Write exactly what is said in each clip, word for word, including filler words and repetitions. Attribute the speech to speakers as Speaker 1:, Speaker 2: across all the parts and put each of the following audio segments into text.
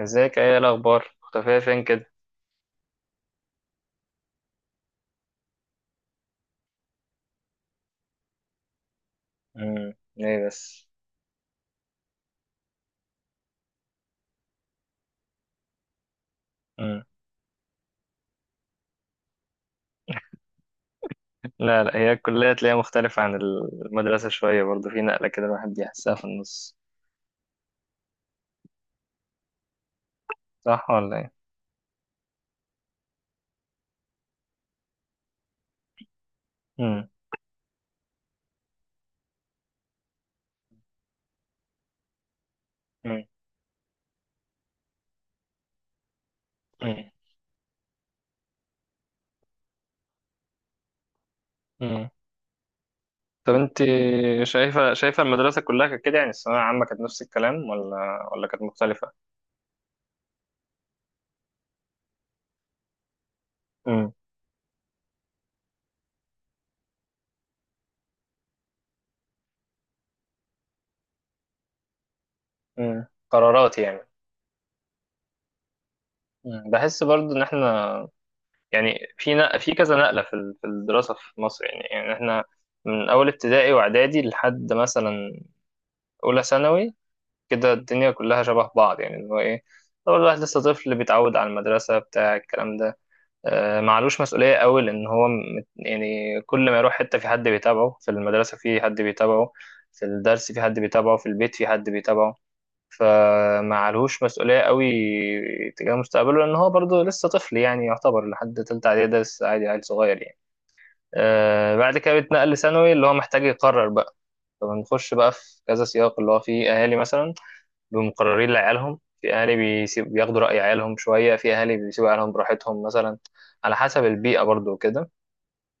Speaker 1: ازيك، ايه الاخبار، مختفيه فين كده؟ امم ليه بس؟ امم لا لا، هي الكليه تلاقيها مختلفه عن المدرسه شويه، برضه في نقله كده الواحد بيحسها في النص، صح ولا ايه؟ امم. امم. امم. امم. طب انت شايفه شايفه المدرسه كلها كانت كده؟ يعني الثانويه العامه كانت نفس الكلام ولا ولا كانت مختلفه؟ امم. امم، قرارات يعني. امم بحس برضه ان احنا، يعني في نق... في كذا نقله، في ال- في الدراسه في مصر، يعني يعني احنا من اول ابتدائي واعدادي لحد مثلا أولى ثانوي، كده الدنيا كلها شبه بعض، يعني اللي هو إيه، لو الواحد لسه طفل بيتعود على المدرسة بتاع الكلام ده، آه، معلوش مسؤولية قوي، لأن هو م- يعني كل ما يروح حتة في حد بيتابعه، في المدرسة في حد بيتابعه، في الدرس في حد بيتابعه، في البيت في حد بيتابعه، فمعلهوش مسؤولية قوي تجاه مستقبله، لأن هو برضه لسه طفل يعني، يعتبر لحد تالتة إعدادي ده لسه عادي، عيل صغير يعني. آه، بعد كده بيتنقل لثانوي، اللي هو محتاج يقرر بقى، فبنخش بقى في كذا سياق، اللي هو فيه أهالي مثلا بمقررين لعيالهم، في اهالي بيسيب بياخدوا رأي عيالهم شوية، في اهالي بيسيبوا عيالهم براحتهم مثلا، على حسب البيئة برضو وكده.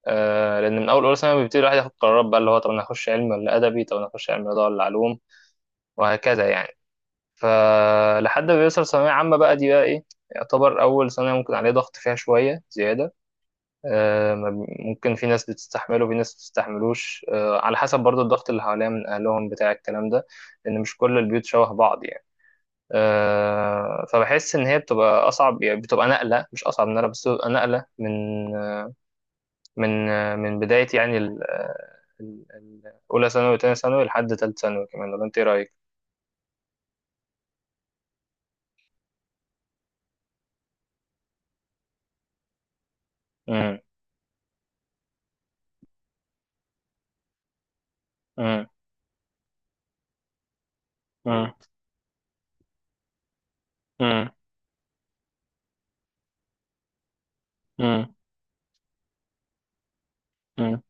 Speaker 1: آه، لان من اول اولى ثانوي بيبتدي الواحد ياخد قرارات بقى، اللي هو طب انا هخش علم ولا ادبي، طب انا هخش علم رياضة ولا علوم، وهكذا يعني. فلحد ما بيوصل ثانوية عامة بقى، دي بقى ايه، يعتبر اول سنة ممكن عليه ضغط فيها شوية زيادة. آه، ما بي- ممكن في ناس بتستحمله وفي ناس بتستحملوش، آه، على حسب برضو الضغط اللي حواليها من اهلهم بتاع الكلام ده، لان مش كل البيوت شبه بعض يعني. آه، فبحس ان هي بتبقى اصعب، يعني بتبقى نقله، مش اصعب من نقله، بس بتبقى نقله من من من بدايه يعني ال- ال- ال- اولى ثانوي وتانية ثانوي لحد تالت ثانوي كمان، ولا انت ايه رايك؟ امم. امم. مم. امم. امم. امم.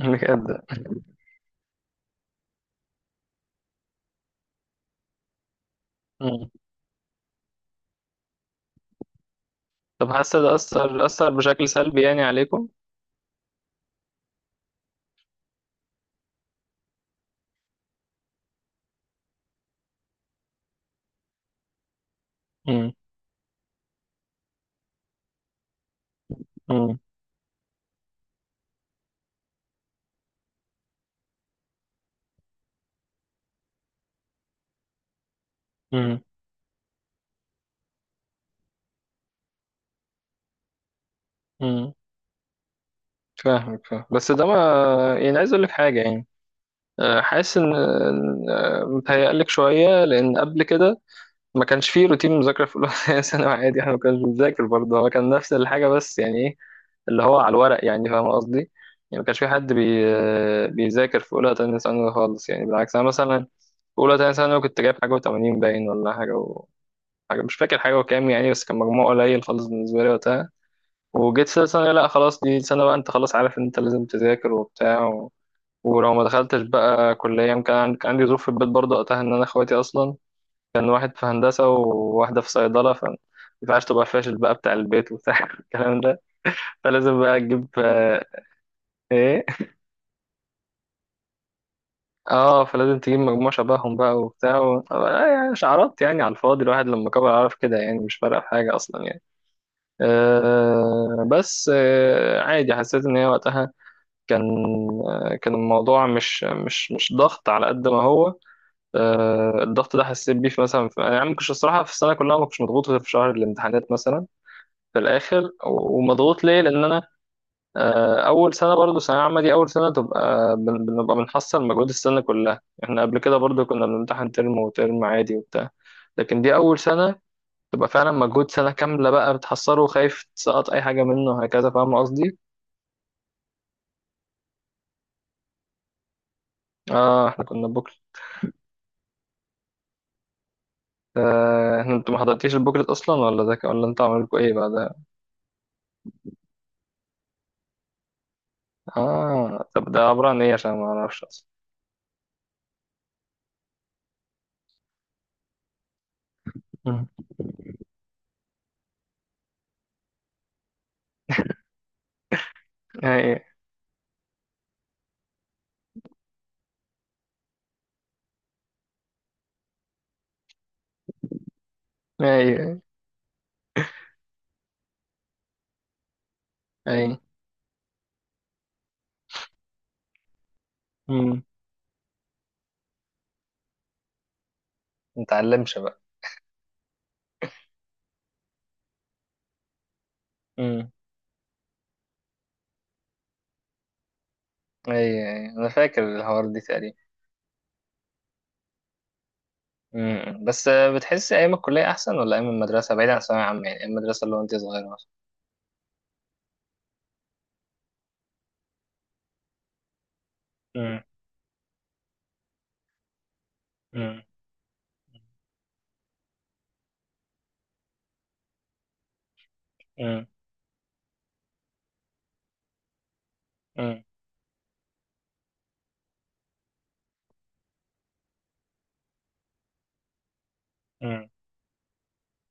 Speaker 1: أمم، بجد؟ امم، طب حاسه ده اثر اثر بشكل سلبي يعني عليكم؟ امم. امم. امم. أمم. فاهمك، فاهم، بس ده ما، يعني عايز اقول لك حاجه يعني، آه، حاسس ان، آه، متهيألك شويه، لان قبل كده ما كانش فيه روتين مذاكرة في أولى ثانوي عادي، احنا ما كناش بنذاكر برضه، هو كان نفس الحاجة، بس يعني ايه، اللي هو على الورق، يعني فاهم قصدي، يعني ما كانش في حد بي... بيذاكر في أولى تانية ثانوي خالص، يعني بالعكس أنا مثلا في أولى تانية ثانوي كنت جايب حاجة و80 باين، ولا حاجة و... حاجة، مش فاكر حاجة وكام يعني، بس كان مجموع قليل خالص بالنسبة لي وقتها. وجيت في ثانية، لا خلاص دي سنة بقى، أنت خلاص عارف إن أنت لازم تذاكر وبتاع و... ولو ما دخلتش بقى كلية، كان كان عندي ظروف في البيت برضه وقتها، إن أنا إخواتي أصلا كان واحد في هندسة وواحدة في صيدلة، فما ينفعش تبقى فاشل بقى، بتاع البيت وبتاع الكلام ده، فلازم بقى تجيب آه، ايه، اه فلازم تجيب مجموع شبههم بقى وبتاع و... آه، يعني شعارات يعني على الفاضي، الواحد لما كبر عرف كده، يعني مش فارقة في حاجة أصلا يعني. آه بس آه عادي، حسيت إن هي وقتها كان، آه، كان الموضوع مش مش مش ضغط على قد ما هو، آه الضغط ده حسيت بيه في مثلا في... يعني ما كنتش الصراحة في السنة كلها، ما كنتش مضغوط غير في شهر الامتحانات مثلا في الاخر، و- ومضغوط ليه، لان انا آه، اول سنه برضو ثانويه عامه، دي اول سنه تبقى بن- بنبقى بنحصل مجهود السنه كلها، احنا قبل كده برضو كنا بنمتحن ترم وترم عادي وبتاع، لكن دي اول سنه تبقى فعلا مجهود سنه كامله بقى بتحصله، وخايف تسقط اي حاجه منه، وهكذا، فاهم قصدي؟ اه احنا كنا بوكلت. آه، احنا، انتوا ما حضرتيش البوكلت اصلا؟ ولا ده ك- ولا انتوا عملكوا ايه بقى ده؟ اه، طب ده عباره عن ايه، عشان ما اعرفش اصلا؟ مم. ايوه. ايوه. ايوه. ما نتعلمش بقى. مم. اي اي، انا فاكر الحوار دي تقريبا. امم، بس آه، بتحس ايام الكليه احسن ولا ايام المدرسه، بعيد عن الثانويه عامه يعني، ايام المدرسه اللي هو انت صغيره مثلا؟ امم. امم. امم. امم. امم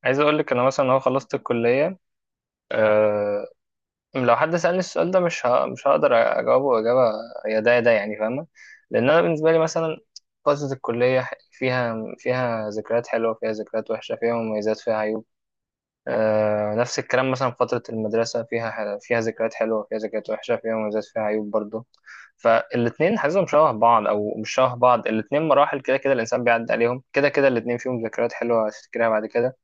Speaker 1: عايز اقول لك، انا مثلا اهو خلصت الكليه، أه، لو حد سالني السؤال ده مش ه... مش هقدر اجاوبه اجابه يا ده يا ده يعني، فاهمه؟ لان انا بالنسبه لي مثلا فتره الكليه ح- فيها، فيها ذكريات حلوه، فيها ذكريات وحشه، فيها مميزات، فيها عيوب، آه نفس الكلام مثلا في فترة المدرسة، فيها حل... فيها ذكريات حلوة، فيها ذكريات وحشة، فيها مميزات، فيها عيوب برضه. فالاتنين حاسسهم شبه بعض أو مش شبه بعض، الاتنين مراحل كده كده الإنسان بيعدي عليهم، كده كده الاتنين فيهم ذكريات حلوة هتفتكرها بعد كده،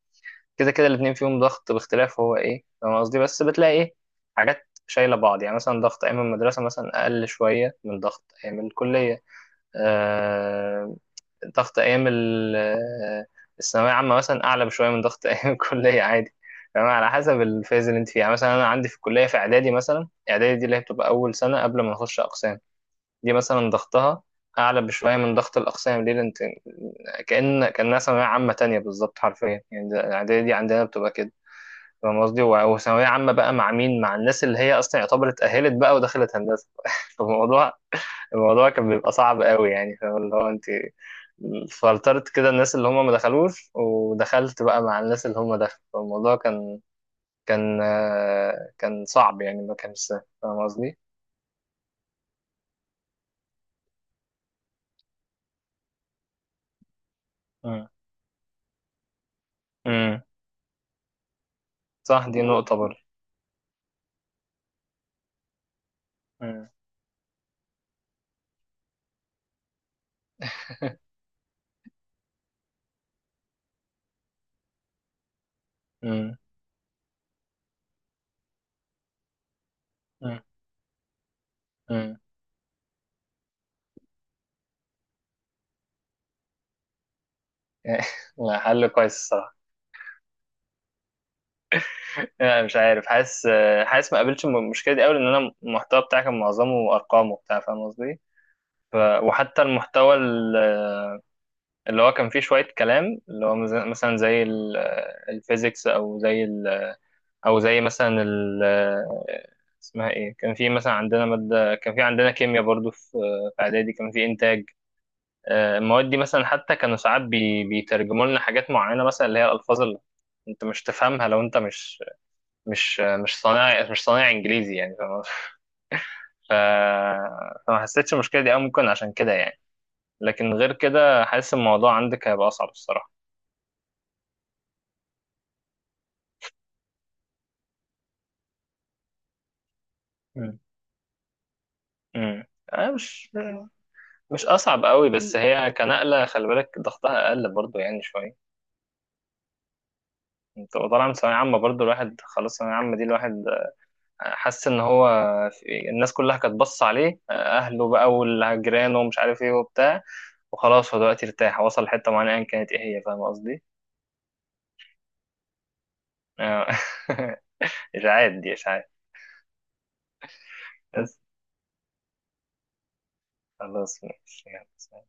Speaker 1: كده كده الاتنين فيهم ضغط باختلاف هو إيه، فاهم قصدي، بس بتلاقي إيه، حاجات شايلة بعض، يعني مثلا ضغط أيام المدرسة مثلا أقل شوية من ضغط أيام الكلية، آه، ضغط ايام ال- آه، الثانويه عامه مثلا اعلى بشويه من ضغط ايام الكليه عادي، يعني على حسب الفيز اللي انت فيها، يعني مثلا انا عندي في الكليه في اعدادي مثلا، اعدادي دي اللي هي بتبقى اول سنه قبل ما نخش اقسام، دي مثلا ضغطها اعلى بشويه من ضغط الاقسام، ليه؟ لأن انت كأن كأنها ثانوية عامة تانية بالظبط حرفيا يعني، ده- الإعدادية دي عندنا بتبقى كده، فاهم قصدي؟ و- وثانوية عامة بقى مع مين؟ مع الناس اللي هي أصلا يعتبر اتأهلت بقى ودخلت هندسة فالموضوع، الموضوع كان بيبقى صعب قوي يعني، فاهم؟ اللي هو أنت فلترت كده الناس اللي هم ما دخلوش، ودخلت بقى مع الناس اللي هم دخلوا، فالموضوع كان كان آه، كان صعب يعني، ما كانش سهل، فاهم قصدي؟ مم. مم. صح، دي نقطة برضه. مم. مم. مم. مم. لا، حل كويس الصراحة. لا، مش عارف، حاسس آه، حاسس ما قابلتش الم- المشكلة دي أوي، لأن أنا المحتوى بتاعي كان معظمه أرقام وبتاع، فاهم قصدي؟ ف... وحتى المحتوى ال- اللي هو كان فيه شوية كلام، اللي هو مز- مثلا زي الفيزيكس، أو زي، او زي مثلا ال اسمها ايه، كان في مثلا عندنا ماده، كان في عندنا كيمياء برضو في، في اعدادي كان في انتاج، آه، المواد دي مثلا حتى كانوا ساعات بي... بيترجموا لنا حاجات معينه، مثلا اللي هي الالفاظ اللي انت مش تفهمها لو انت مش مش مش صانع مش صانع انجليزي يعني، فاهم قصدي؟ ف... فما حسيتش المشكله دي أوي ممكن عشان كده يعني، لكن غير كده حاسس الموضوع عندك هيبقى اصعب الصراحه. مم. مم. آه، مش مش اصعب قوي، بس هي كنقله خلي بالك ضغطها اقل برضو يعني شويه، تبقى طالعة من ثانوية عامة برضه، الواحد خلاص ثانوية عامة دي الواحد حس إن هو في الناس كلها كانت بص عليه، أهله بقى والجيران ومش عارف إيه وبتاع، وخلاص هو دلوقتي ارتاح، وصل لحتة معينة أيا كانت إيه هي، فاهم قصدي؟ آه. إشاعات، دي إشاعات. بس خلاص ماشي، يلا، سلام.